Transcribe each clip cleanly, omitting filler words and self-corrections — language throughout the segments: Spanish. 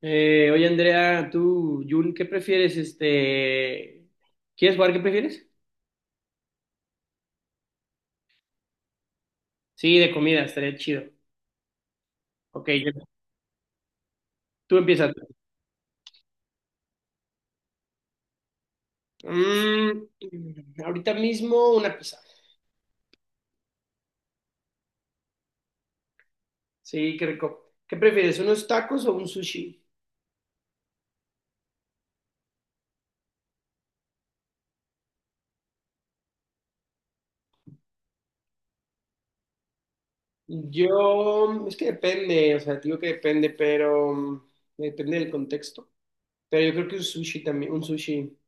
Oye, Andrea, tú, Jun, ¿qué prefieres? ¿Quieres jugar? ¿Qué prefieres? Sí, de comida, estaría chido. Ok, tú empiezas. Mm, ahorita mismo una pizza. Sí, qué rico. ¿Qué prefieres, unos tacos o un sushi? Yo, es que depende, o sea, te digo que depende, pero depende del contexto. Pero yo creo que un sushi también, un sushi.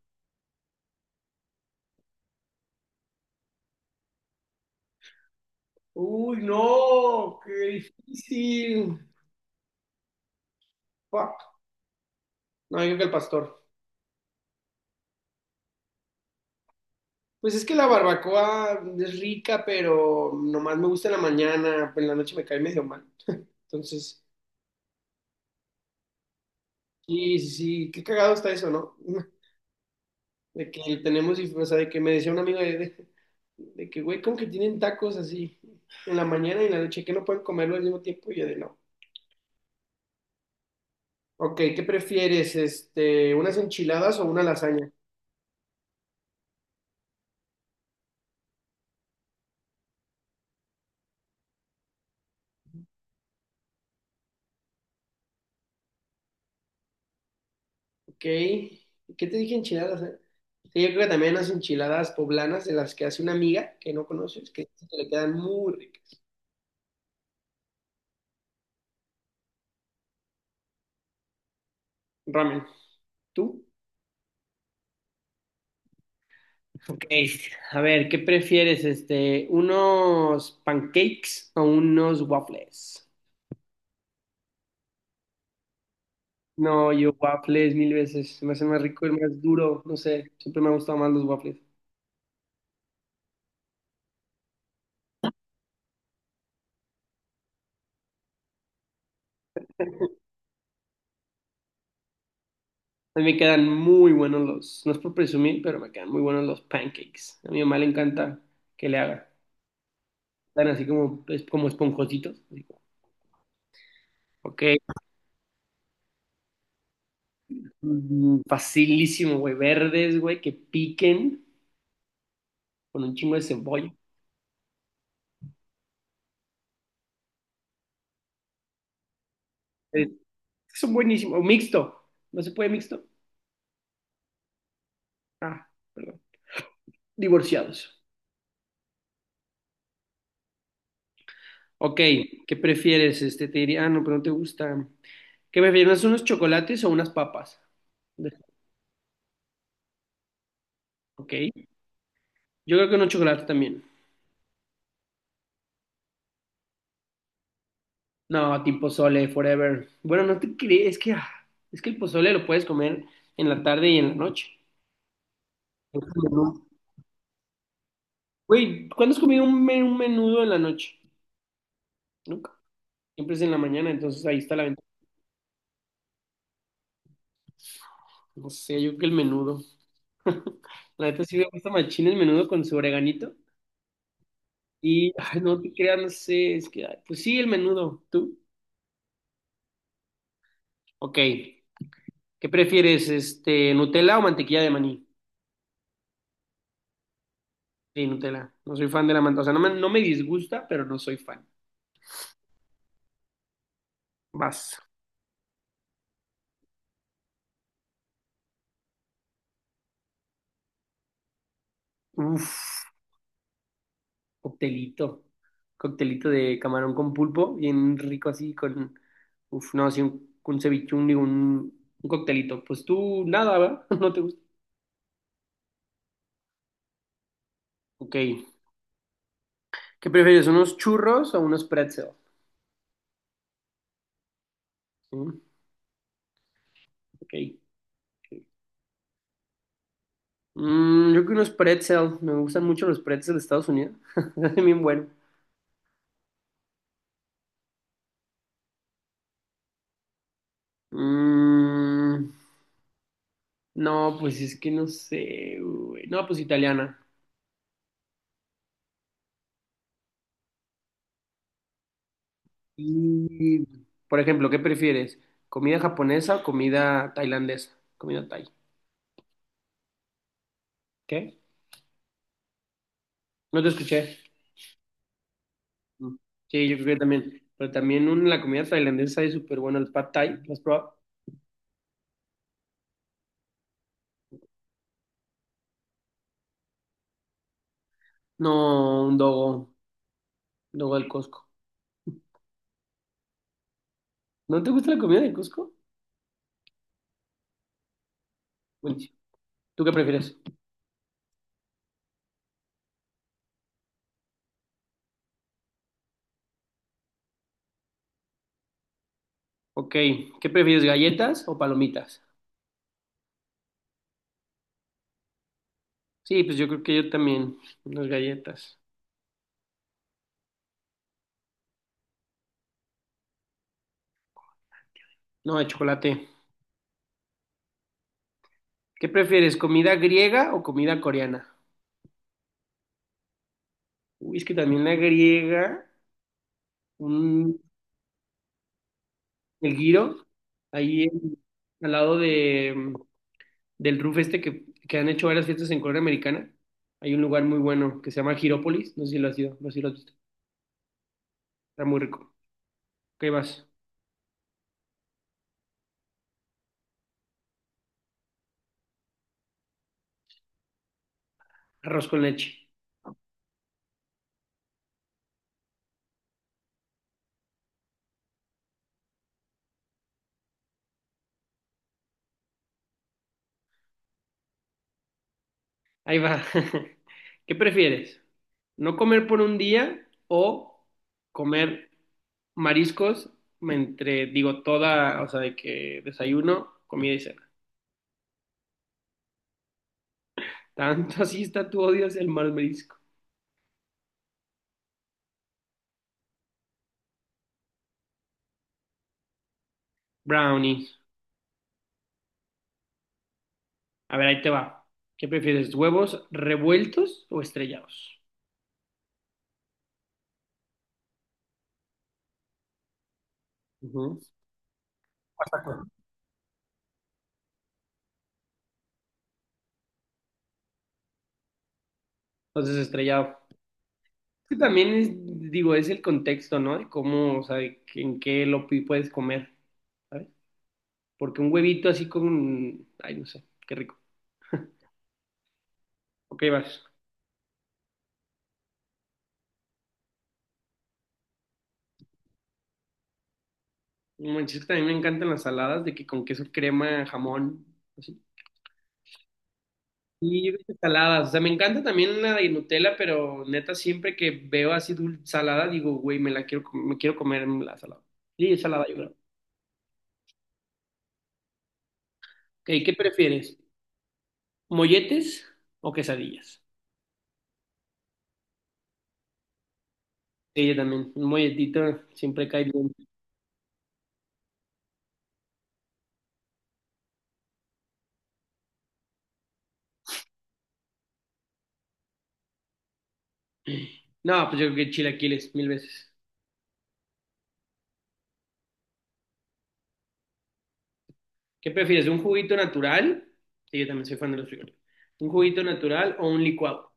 Uy, no, qué difícil. Fuck. No, yo creo que el pastor. Pues es que la barbacoa es rica, pero nomás me gusta en la mañana, pero en la noche me cae medio mal. Entonces, sí, sí, sí, qué cagado está eso, ¿no? De que tenemos, dif- o sea, de que me decía un amigo de que güey, ¿cómo que tienen tacos así en la mañana y en la noche, que no pueden comerlo al mismo tiempo? Y yo de no. Ok, ¿qué prefieres? ¿Unas enchiladas o una lasaña? Ok, ¿qué te dije? ¿Enchiladas, eh? Sí, yo creo que también unas enchiladas poblanas de las que hace una amiga que no conoces, que dice que le quedan muy ricas. Ramen. ¿Tú? Ok, a ver, ¿qué prefieres, unos pancakes o unos waffles? No, yo waffles mil veces. Se me hace más rico y más duro. No sé, siempre me han gustado más los waffles. A mí me quedan muy buenos los, no es por presumir, pero me quedan muy buenos los pancakes. A mi mamá le encanta que le haga. Están así como, es como esponjositos. Así como, ok, mm, facilísimo, güey. Verdes, güey, que piquen con un chingo de cebolla. Eh, son buenísimos. O mixto. ¿No se puede mixto? Ah, perdón. Divorciados. Ok, ¿qué prefieres? Te diría, ah, no, pero no te gusta. ¿Qué prefieres? ¿Unos chocolates o unas papas? De- Ok. Yo creo que unos chocolates también. No, tipo pozole, forever. Bueno, no te crees, es que es que el pozole lo puedes comer en la tarde y en la noche. Es un menú. Güey, ¿cuándo has comido un, un menudo en la noche? Nunca. Siempre es en la mañana, entonces ahí está la ventaja. No sé, yo creo que el menudo. La neta sí me gusta machín el menudo con su sobreganito. Y, ay, no te creas, no sé, es que, ay, pues sí, el menudo, ¿tú? Ok, ¿qué prefieres, Nutella o mantequilla de maní? Sí, Nutella, no soy fan de la mantequilla, o sea, no me disgusta, pero no soy fan. Vas. Uf, coctelito, coctelito de camarón con pulpo, bien rico así, con, uf, no, un cevichón, digo, un coctelito. Pues tú, nada, ¿verdad? No te gusta. Ok, ¿qué prefieres, unos churros o unos pretzel? Sí, ok. Ok. Mm, yo creo que unos pretzel. Me gustan mucho los pretzels de Estados Unidos. Es bien bueno. Mm, no, pues es que no sé, güey. No, pues italiana. Y, por ejemplo, ¿qué prefieres? ¿Comida japonesa o comida tailandesa? Comida thai. ¿Qué? No te escuché. Mm. Sí, yo creo que también. Pero también la comida tailandesa es súper buena. El pad thai, ¿lo has probado? No, un dogo. Dogo del Costco. ¿No te gusta la comida del Costco? Buenísimo. ¿Tú qué prefieres? Ok, ¿qué prefieres, galletas o palomitas? Sí, pues yo creo que yo también, unas galletas. No, de chocolate. ¿Qué prefieres, comida griega o comida coreana? Uy, es que también la griega, un, el giro, ahí en- al lado del roof este que han hecho varias fiestas en Corea Americana, hay un lugar muy bueno que se llama Girópolis, no sé si lo has ido, no sé si lo has visto, está muy rico. ¿Qué vas? Arroz con leche. Ahí va. ¿Qué prefieres? ¿No comer por un día o comer mariscos entre, digo, toda, o sea, de que desayuno, comida y cena? Tanto así está tu odio hacia el mal marisco. Brownies. A ver, ahí te va. ¿Qué prefieres? ¿Huevos revueltos o estrellados? Ujú. Entonces, estrellado. Que también es, digo, es el contexto, ¿no? De cómo, o sea, en qué lo puedes comer. Porque un huevito así con, ay, no sé, qué rico. Ok, vas. No manches, que también me encantan las saladas de que con queso crema, jamón, así. Y yo creo que saladas, o sea, me encanta también la de Nutella, pero neta, siempre que veo así salada, digo, güey, me quiero comer la salada. Sí, salada, yo creo. Ok, ¿qué prefieres? ¿Molletes o quesadillas? Sí, yo también, un molletito siempre cae bien. No, pues yo creo que chilaquiles, mil veces. ¿Qué prefieres? ¿Un juguito natural? Sí, yo también soy fan de los frijoles. ¿Un juguito natural o un licuado?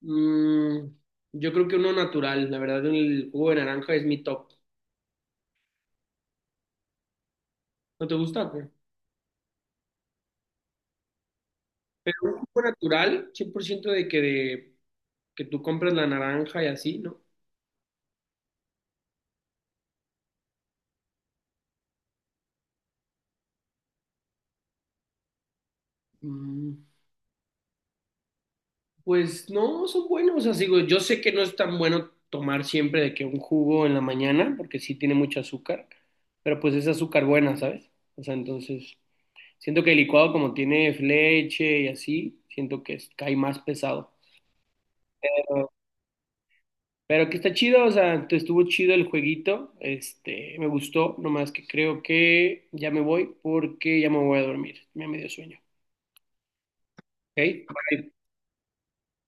Mm, yo creo que uno natural. La verdad, el jugo de naranja es mi top. ¿No te gusta o qué? Pero un jugo natural, 100%, de que tú compras la naranja y así, ¿no? Mm, pues no, son buenos. O sea, digo, yo sé que no es tan bueno tomar siempre de que un jugo en la mañana, porque sí tiene mucho azúcar, pero pues es azúcar buena, ¿sabes? O sea, entonces, siento que el licuado como tiene leche y así, siento que cae más pesado. Pero que está chido, o sea, te estuvo chido el jueguito, este, me gustó, nomás que creo que ya me voy porque ya me voy a dormir, ya me dio sueño, ¿ok?